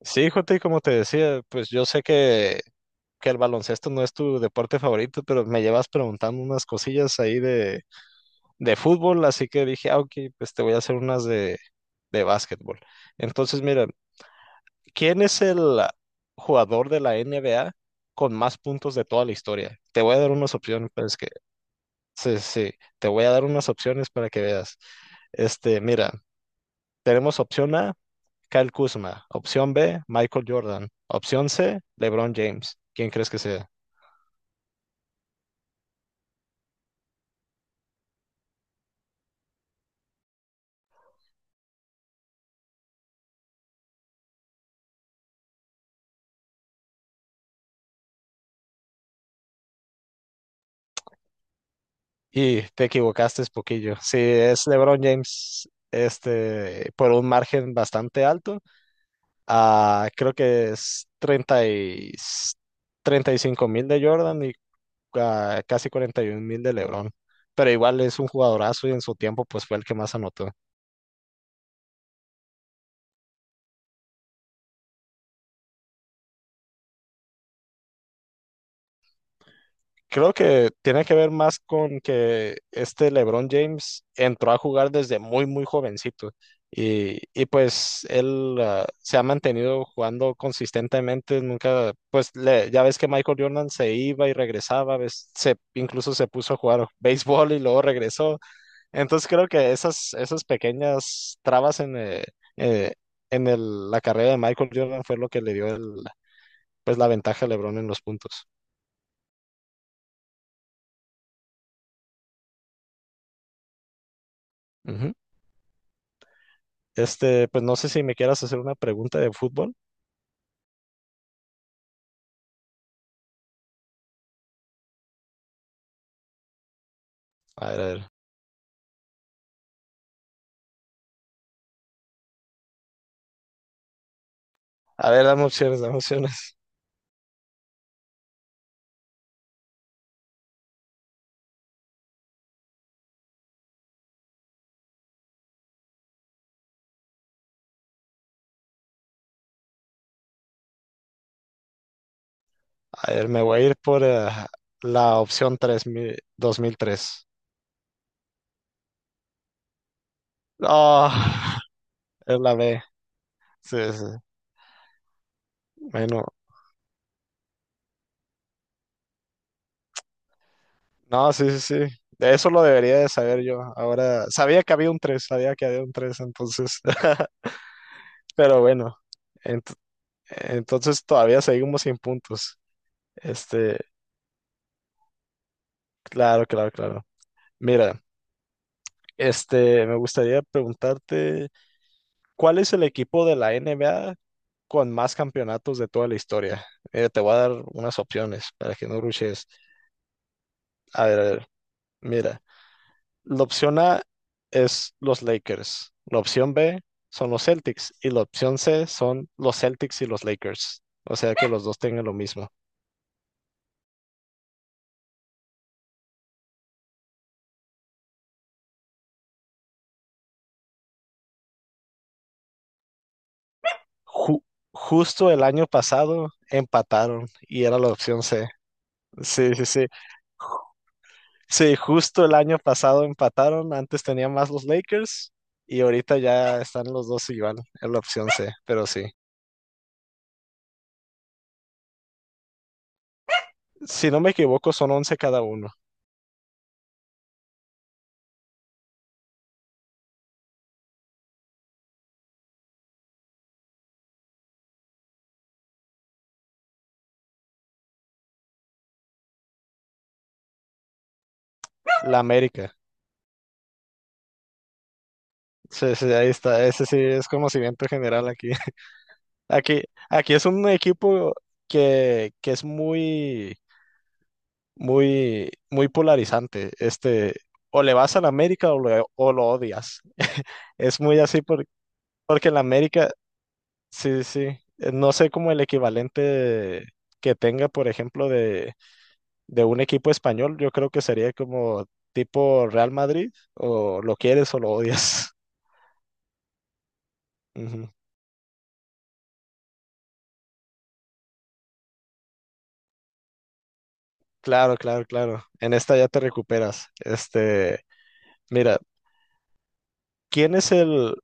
Sí, Jota, y como te decía, pues yo sé que el baloncesto no es tu deporte favorito, pero me llevas preguntando unas cosillas ahí de fútbol, así que dije, ah, ok, pues te voy a hacer unas de básquetbol. Entonces, mira, ¿quién es el jugador de la NBA con más puntos de toda la historia? Te voy a dar unas opciones, pues que, sí, sí, te voy a dar unas opciones para que veas. Mira, tenemos opción A. Kyle Kuzma. Opción B, Michael Jordan. Opción C, LeBron James. ¿Quién crees que sea? Y te equivocaste es poquillo. Sí, es LeBron James, por un margen bastante alto. Ah, creo que es 35.000 de Jordan y casi 41 mil de LeBron. Pero igual es un jugadorazo y en su tiempo pues fue el que más anotó. Creo que tiene que ver más con que este LeBron James entró a jugar desde muy, muy jovencito y pues él se ha mantenido jugando consistentemente, nunca, pues le- ya ves que Michael Jordan se iba y regresaba, ves, se, incluso se puso a jugar béisbol y luego regresó. Entonces creo que esas, esas pequeñas trabas eh, en el- la carrera de Michael Jordan fue lo que le dio el, pues la ventaja a LeBron en los puntos. Ujú. Pues no sé si me quieras hacer una pregunta de fútbol. A ver, a ver. A ver, dame opciones, dame opciones. A ver, me voy a ir por la opción tres mi- 2003. Ah, es la B. Sí, sí. Bueno, no, sí, sí, sí. De eso lo debería de saber yo. Ahora, sabía que había un 3 entonces. Pero bueno, ent- entonces todavía seguimos sin puntos. Este, claro, claro, claro. Mira, me gustaría preguntarte. ¿Cuál es el equipo de la NBA con más campeonatos de toda la historia? Te voy a dar unas opciones para que no ruches. A ver, mira, la opción A es los Lakers, la opción B son los Celtics y la opción C son los Celtics y los Lakers. O sea que los dos tengan lo mismo. Ju- justo el año pasado empataron y era la opción C. Sí, sí, sí. Sí, justo el año pasado empataron, antes tenían más los Lakers y ahorita ya están los dos igual en la opción C, pero sí. Si no me equivoco, son 11 cada uno. La América. Sí, sí, ahí está. Ese sí es conocimiento general aquí. Aquí, aquí es un equipo que es muy, muy, muy polarizante. O le vas a la América o lo odias. Es muy así porque la América, sí, sí. No sé cómo el equivalente de- que tenga, por ejemplo, de un equipo español. Yo creo que sería como tipo Real Madrid, o lo quieres o lo odias. Ujú. Claro, claro, claro. En esta ya te recuperas. Mira, ¿quién es el,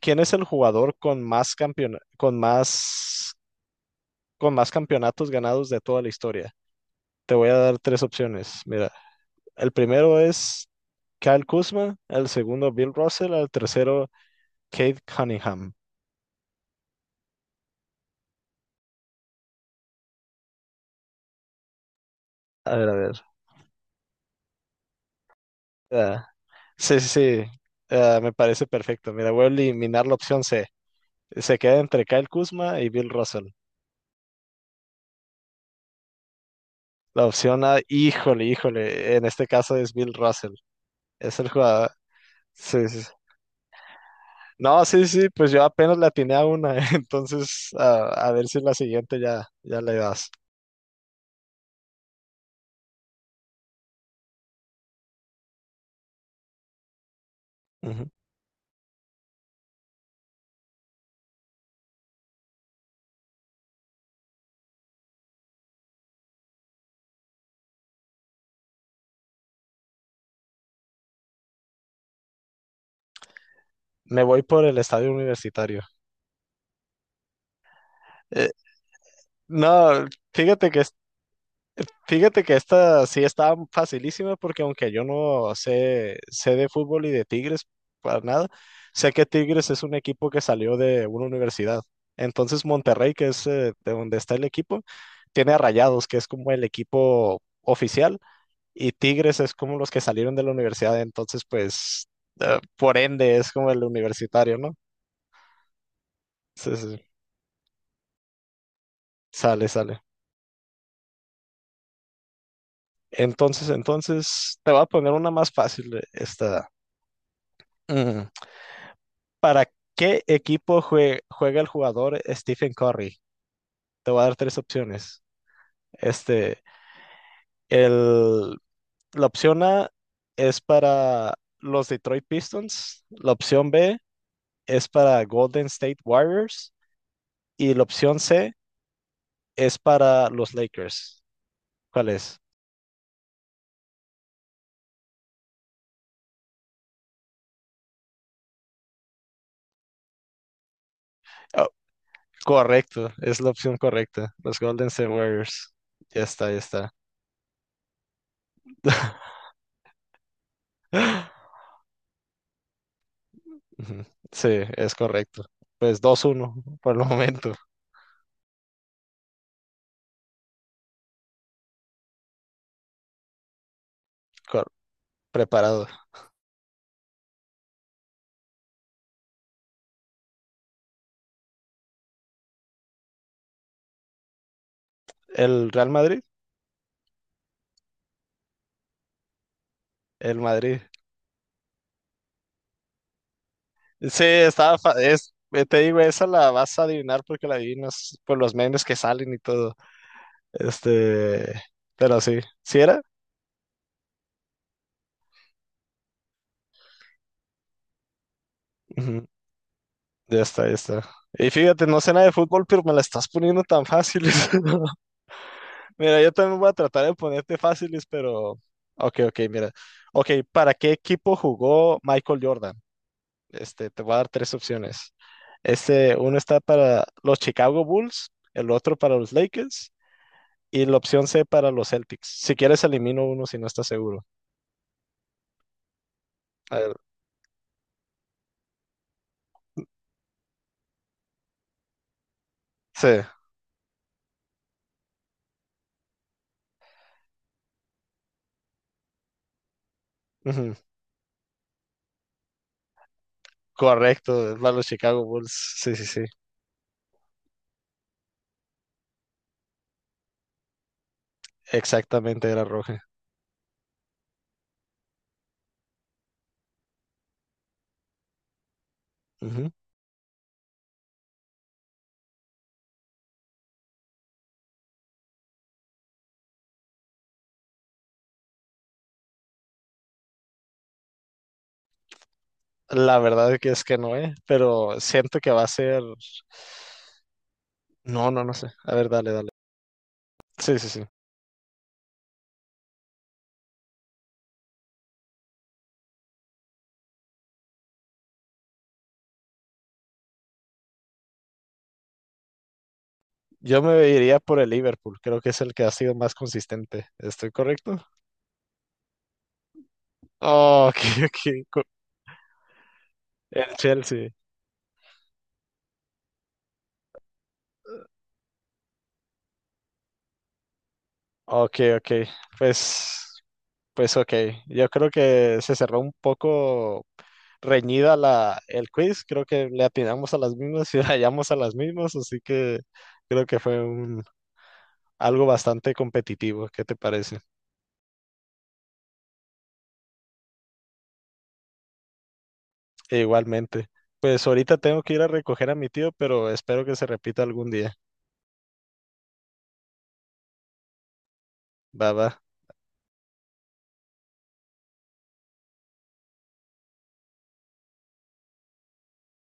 quién es el jugador con más con más, con más campeonatos ganados de toda la historia? Te voy a dar tres opciones. Mira, el primero es Kyle Kuzma, el segundo Bill Russell, el tercero Kate Cunningham. A ver, a ver. ah, Sí, sí, sí. Ah, me parece perfecto. Mira, voy a eliminar la opción C. Se queda entre Kyle Kuzma y Bill Russell. La opción A, híjole, híjole. En este caso es Bill Russell. Es el jugador. Sí, sí, sí. No, sí, sí, pues yo apenas le atiné a una. Entonces, a ver si la siguiente ya, ya le das. Ujú. Me voy por el estadio universitario. Eh, no, fíjate que fíjate que esta sí está facilísima porque aunque yo no sé, sé de fútbol y de Tigres para nada, sé que Tigres es un equipo que salió de una universidad. Entonces Monterrey, que es de donde está el equipo, tiene a Rayados, que es como el equipo oficial, y Tigres es como los que salieron de la universidad. Entonces, pues, por ende, es como el universitario, ¿no? Sí, sí, sí. Sale, sale. Entonces, te voy a poner una más fácil, esta. Ujú. ¿Para qué equipo juega el jugador Stephen Curry? Te voy a dar tres opciones. Este, el, la opción A es para los Detroit Pistons, la opción B es para Golden State Warriors y la opción C es para los Lakers. ¿Cuál es? Oh, correcto, es la opción correcta, los Golden State Warriors. Ya está, ya está. Ujú, sí, es correcto. Pues 2-1 por el momento. Cor- preparado. El Real Madrid, el Madrid. Sí, estaba, te digo, esa la vas a adivinar porque la adivinas por los memes que salen y todo. Este, pero sí, ¿sí era? Ujú, ya está, ya está. Y fíjate, no sé nada de fútbol, pero me la estás poniendo tan fáciles. Mira, yo también voy a tratar de ponerte fáciles, pero... Ok, ok, mira. Ok, ¿para qué equipo jugó Michael Jordan? Te voy a dar tres opciones. Uno está para los Chicago Bulls, el otro para los Lakers y la opción C para los Celtics. Si quieres, elimino uno si no estás seguro. A ver, sí, ujú, correcto, es para los Chicago Bulls. Sí, sí, sí, exactamente era roja. Ujú. La verdad es que no es, pero siento que va a ser. No, no, no sé. A ver, dale, dale. Sí, sí, sí. Yo me iría por el Liverpool, creo que es el que ha sido más consistente. ¿Estoy correcto? Oh, ok, ok. El Chelsea. Ok, ok. Pues, pues ok. Yo creo que se cerró un poco reñida la, el quiz. Creo que le atinamos a las mismas y hallamos a las mismas. Así que creo que fue un, algo bastante competitivo. ¿Qué te parece? E igualmente. Pues ahorita tengo que ir a recoger a mi tío, pero espero que se repita algún día. Va, va.